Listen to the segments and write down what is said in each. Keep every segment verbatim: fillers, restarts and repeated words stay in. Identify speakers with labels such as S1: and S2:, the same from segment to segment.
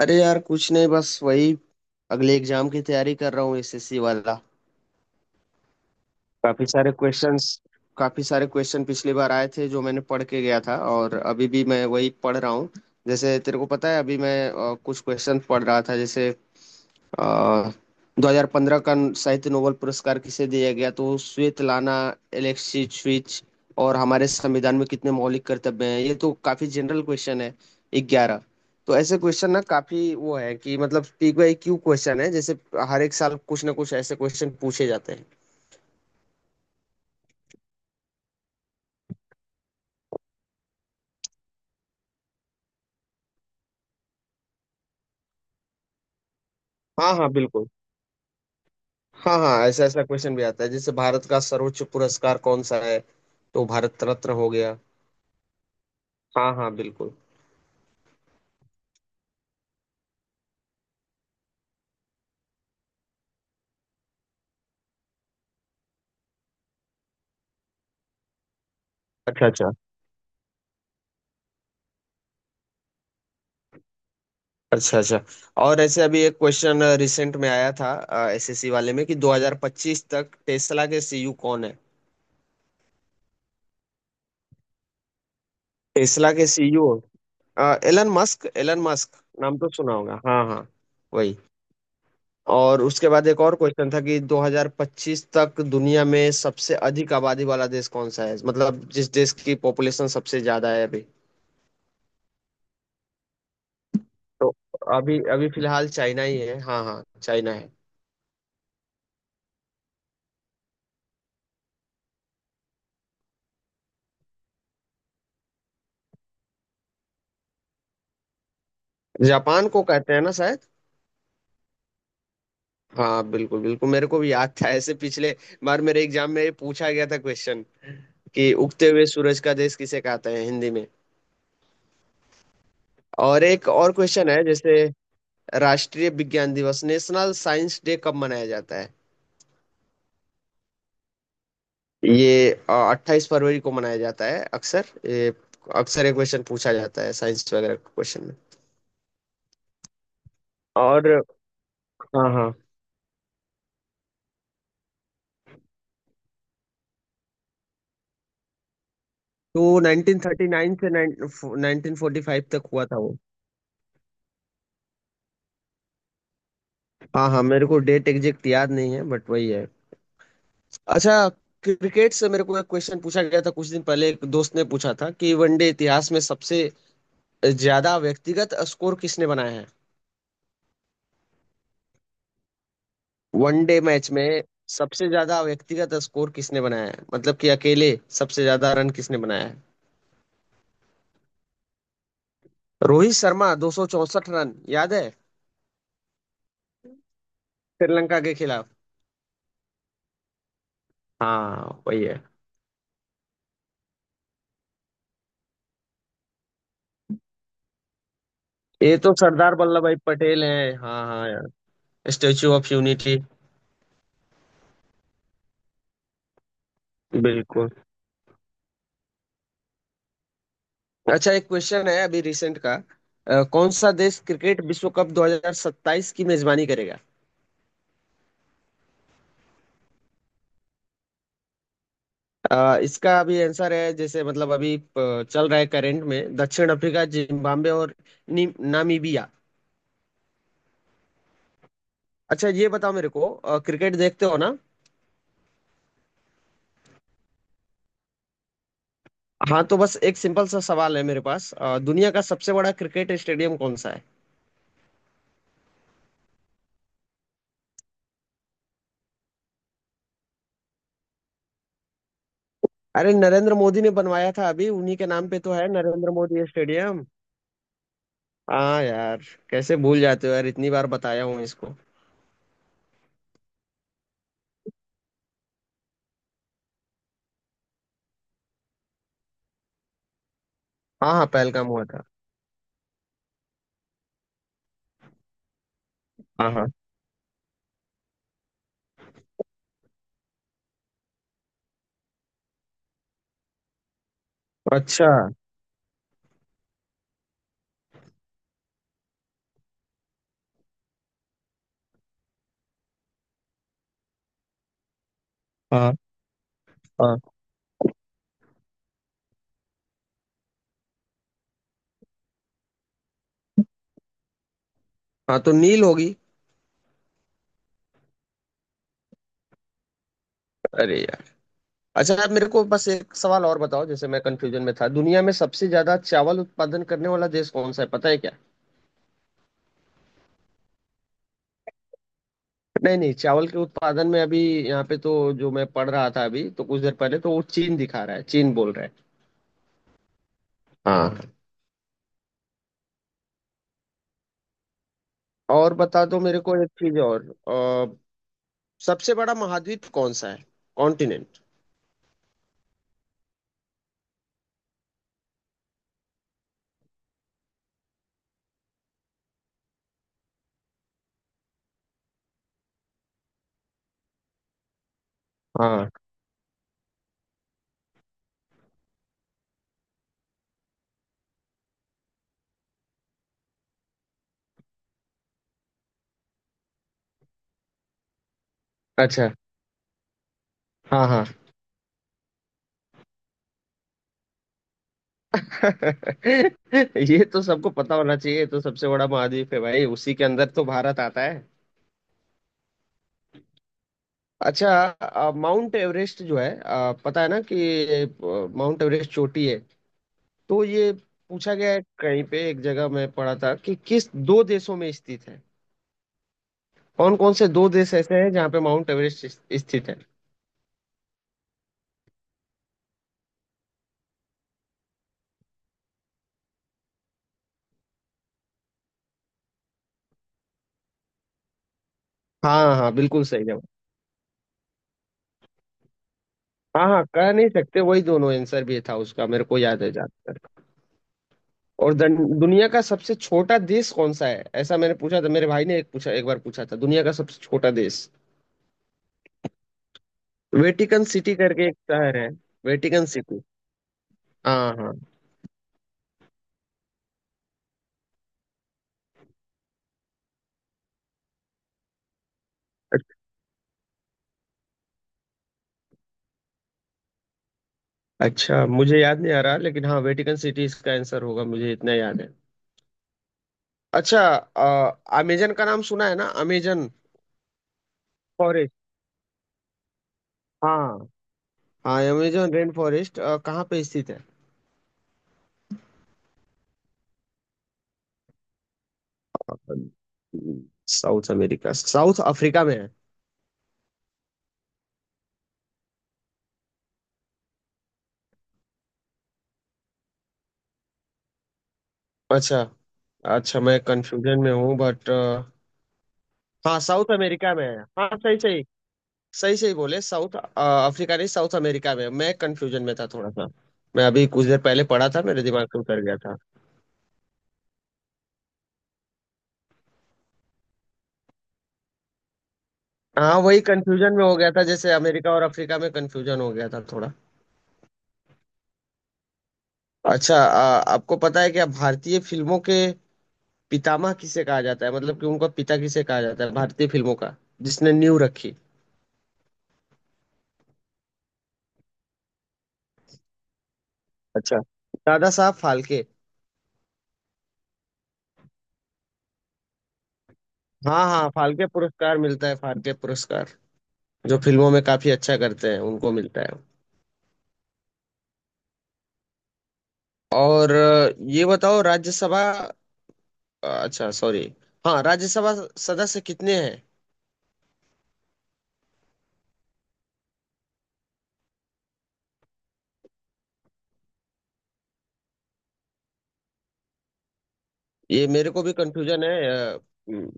S1: अरे यार, कुछ नहीं, बस वही अगले एग्जाम की तैयारी कर रहा हूँ। एसएससी वाला। काफी सारे क्वेश्चंस, काफी सारे क्वेश्चन पिछली बार आए थे जो मैंने पढ़ के गया था, और अभी भी मैं वही पढ़ रहा हूँ। जैसे तेरे को पता है, अभी मैं अ, कुछ क्वेश्चन पढ़ रहा था, जैसे अ, दो हज़ार पंद्रह का साहित्य नोबेल पुरस्कार किसे दिया गया? तो स्वेतलाना एलेक्सीविच। और हमारे संविधान में कितने मौलिक कर्तव्य हैं? ये तो काफी जनरल क्वेश्चन है। ग्यारह। तो ऐसे क्वेश्चन ना काफी वो है कि, मतलब, पीक बाई क्यू क्वेश्चन है, जैसे हर एक साल कुछ ना कुछ ऐसे क्वेश्चन पूछे जाते हैं। हाँ हाँ, बिल्कुल। हाँ हाँ, ऐसा ऐसा क्वेश्चन भी आता है, जैसे भारत का सर्वोच्च पुरस्कार कौन सा है? तो भारत रत्न हो गया। हाँ हाँ, बिल्कुल। अच्छा अच्छा। अच्छा अच्छा। और ऐसे अभी एक क्वेश्चन रिसेंट में आया था एसएससी वाले में, कि दो हज़ार पच्चीस तक टेस्ला के सीईओ कौन है? टेस्ला के CEO Elon Musk. Elon Musk, नाम तो सुना होगा। हाँ हाँ, वही। और उसके बाद एक और क्वेश्चन था कि दो हज़ार पच्चीस तक दुनिया में सबसे अधिक आबादी वाला देश कौन सा है, मतलब जिस देश की पॉपुलेशन सबसे ज्यादा है अभी। तो अभी अभी फिलहाल चाइना ही है। हाँ हाँ, चाइना है। जापान को कहते हैं ना? हाँ, बिल्कुल बिल्कुल, मेरे को भी याद था। ऐसे पिछले बार मेरे एग्जाम में ये पूछा गया था क्वेश्चन, कि उगते हुए सूरज का देश किसे कहते हैं हिंदी में। और एक और क्वेश्चन है, जैसे राष्ट्रीय विज्ञान दिवस, नेशनल साइंस डे, कब मनाया जाता है? ये अट्ठाईस फरवरी को मनाया जाता है अक्सर। ये, अक्सर ये क्वेश्चन पूछा जाता है साइंस वगैरह क्वेश्चन में। और हाँ हाँ, तो उन्नीस सौ उनतालीस से उन्नीस सौ पैंतालीस तक हुआ था वो। हाँ हाँ, मेरे को डेट एग्जैक्ट याद नहीं है, बट वही है। अच्छा, क्रिकेट से मेरे को एक क्वेश्चन पूछा गया था कुछ दिन पहले, एक दोस्त ने पूछा था कि वनडे इतिहास में सबसे ज्यादा व्यक्तिगत स्कोर किसने बनाया है, वनडे मैच में सबसे ज्यादा व्यक्तिगत स्कोर किसने बनाया है, मतलब कि अकेले सबसे ज्यादा रन किसने बनाया है। रोहित शर्मा, दो सौ चौंसठ रन, याद है, श्रीलंका के खिलाफ। हाँ वही है। ये तो सरदार वल्लभ भाई पटेल हैं। हाँ हाँ यार, स्टेच्यू ऑफ यूनिटी। बिल्कुल। अच्छा, एक क्वेश्चन है अभी रिसेंट का। अ, कौन सा देश क्रिकेट विश्व कप दो हज़ार सत्ताईस की मेजबानी करेगा? अ, इसका अभी आंसर है, जैसे मतलब अभी अ, चल रहा है करंट में, दक्षिण अफ्रीका, जिम्बाब्वे और नी- नामीबिया। अच्छा, ये बताओ मेरे को, अ, क्रिकेट देखते हो ना? हाँ तो बस एक सिंपल सा सवाल है मेरे पास, अ, दुनिया का सबसे बड़ा क्रिकेट स्टेडियम कौन सा है? अरे, नरेंद्र मोदी ने बनवाया था अभी, उन्हीं के नाम पे तो है, नरेंद्र मोदी स्टेडियम। हाँ यार, कैसे भूल जाते हो यार, इतनी बार बताया हूँ इसको। हाँ हाँ, पहलगाम हुआ था। हाँ हाँ। अच्छा। हाँ। हाँ, हाँ तो नील होगी। अरे यार। अच्छा, आप मेरे को बस एक सवाल और बताओ, जैसे मैं कंफ्यूजन में था, दुनिया में सबसे ज्यादा चावल उत्पादन करने वाला देश कौन सा है, पता है क्या? नहीं नहीं, चावल के उत्पादन में अभी, यहाँ पे तो, जो मैं पढ़ रहा था अभी तो कुछ देर पहले, तो वो चीन दिखा रहा है, चीन बोल रहा है। हाँ। और बता दो मेरे को एक चीज और, अ, सबसे बड़ा महाद्वीप कौन सा है? कॉन्टिनेंट। हाँ। अच्छा। हाँ हाँ। ये तो सबको पता होना चाहिए। ये तो सबसे बड़ा महाद्वीप है भाई, उसी के अंदर तो भारत आता है। अच्छा, अ, माउंट एवरेस्ट जो है, अ, पता है ना कि अ, माउंट एवरेस्ट चोटी है? तो ये पूछा गया है कहीं पे, एक जगह मैं पढ़ा था कि किस दो देशों में स्थित है, कौन कौन से दो देश ऐसे हैं जहाँ पे माउंट एवरेस्ट स्थ- स्थित है? हाँ हाँ, बिल्कुल सही जवाब। हाँ हाँ, कह नहीं सकते, वही दोनों आंसर भी था उसका, मेरे को याद है जाता। और दन- दुनिया का सबसे छोटा देश कौन सा है, ऐसा मैंने पूछा था, मेरे भाई ने एक पूछा, एक बार पूछा था, दुनिया का सबसे छोटा देश। वेटिकन सिटी करके एक शहर है। Vatican City. हाँ हाँ। अच्छा, मुझे याद नहीं आ रहा, लेकिन हाँ, वेटिकन सिटी इसका आंसर होगा, मुझे इतना याद है। अच्छा, अमेजन का नाम सुना है ना? Amazon forest. हाँ। हाँ, अमेजन रेन फॉरेस्ट कहाँ पे स्थित है? साउथ अमेरिका, साउथ अफ्रीका में है? अच्छा अच्छा, मैं कंफ्यूजन में हूँ बट, हाँ साउथ अमेरिका में है, हाँ सही सही, सही सही बोले, साउथ अ, अफ्रीका नहीं, साउथ अमेरिका में। मैं कंफ्यूजन में था थोड़ा सा। मैं अभी कुछ देर पहले पढ़ा था, मेरे दिमाग से उतर गया था। हाँ वही कंफ्यूजन में हो गया था, जैसे अमेरिका और अफ्रीका में कंफ्यूजन हो गया था थोड़ा। अच्छा, अ, आपको पता है क्या, भारतीय फिल्मों के पितामह किसे कहा जाता है, मतलब कि उनका पिता किसे कहा जाता है भारतीय फिल्मों का, जिसने नींव रखी? अच्छा, दादा साहब फाल्के। हाँ हाँ, फाल्के पुरस्कार मिलता है, फाल्के पुरस्कार, जो फिल्मों में काफी अच्छा करते हैं उनको मिलता है। और अ, ये बताओ राज्यसभा, अच्छा सॉरी, हाँ, राज्यसभा सदस्य कितने हैं? ये मेरे को भी कंफ्यूजन है। अ, हम्म,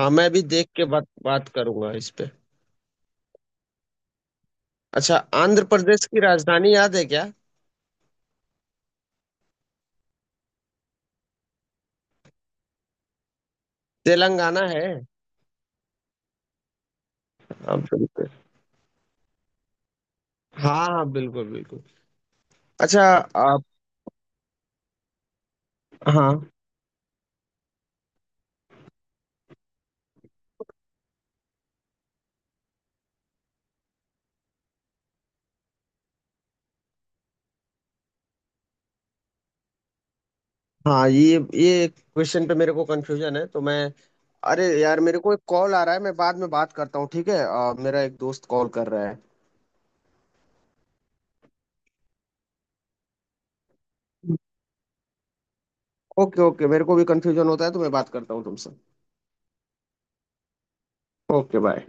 S1: हाँ, मैं भी देख के बात बात करूंगा इस पे। अच्छा, आंध्र प्रदेश की राजधानी याद है क्या? तेलंगाना है। हाँ बिल्कुल। हाँ हाँ, बिल्कुल बिल्कुल। अच्छा आप। हाँ हाँ, ये ये क्वेश्चन पे मेरे को कंफ्यूजन है, तो मैं, अरे यार, मेरे को एक कॉल आ रहा है, मैं बाद में बात करता हूँ, ठीक है? अ, मेरा एक दोस्त कॉल कर रहा है। ओके ओके, मेरे को भी कंफ्यूजन होता है, तो मैं बात करता हूँ तुमसे। Okay bye.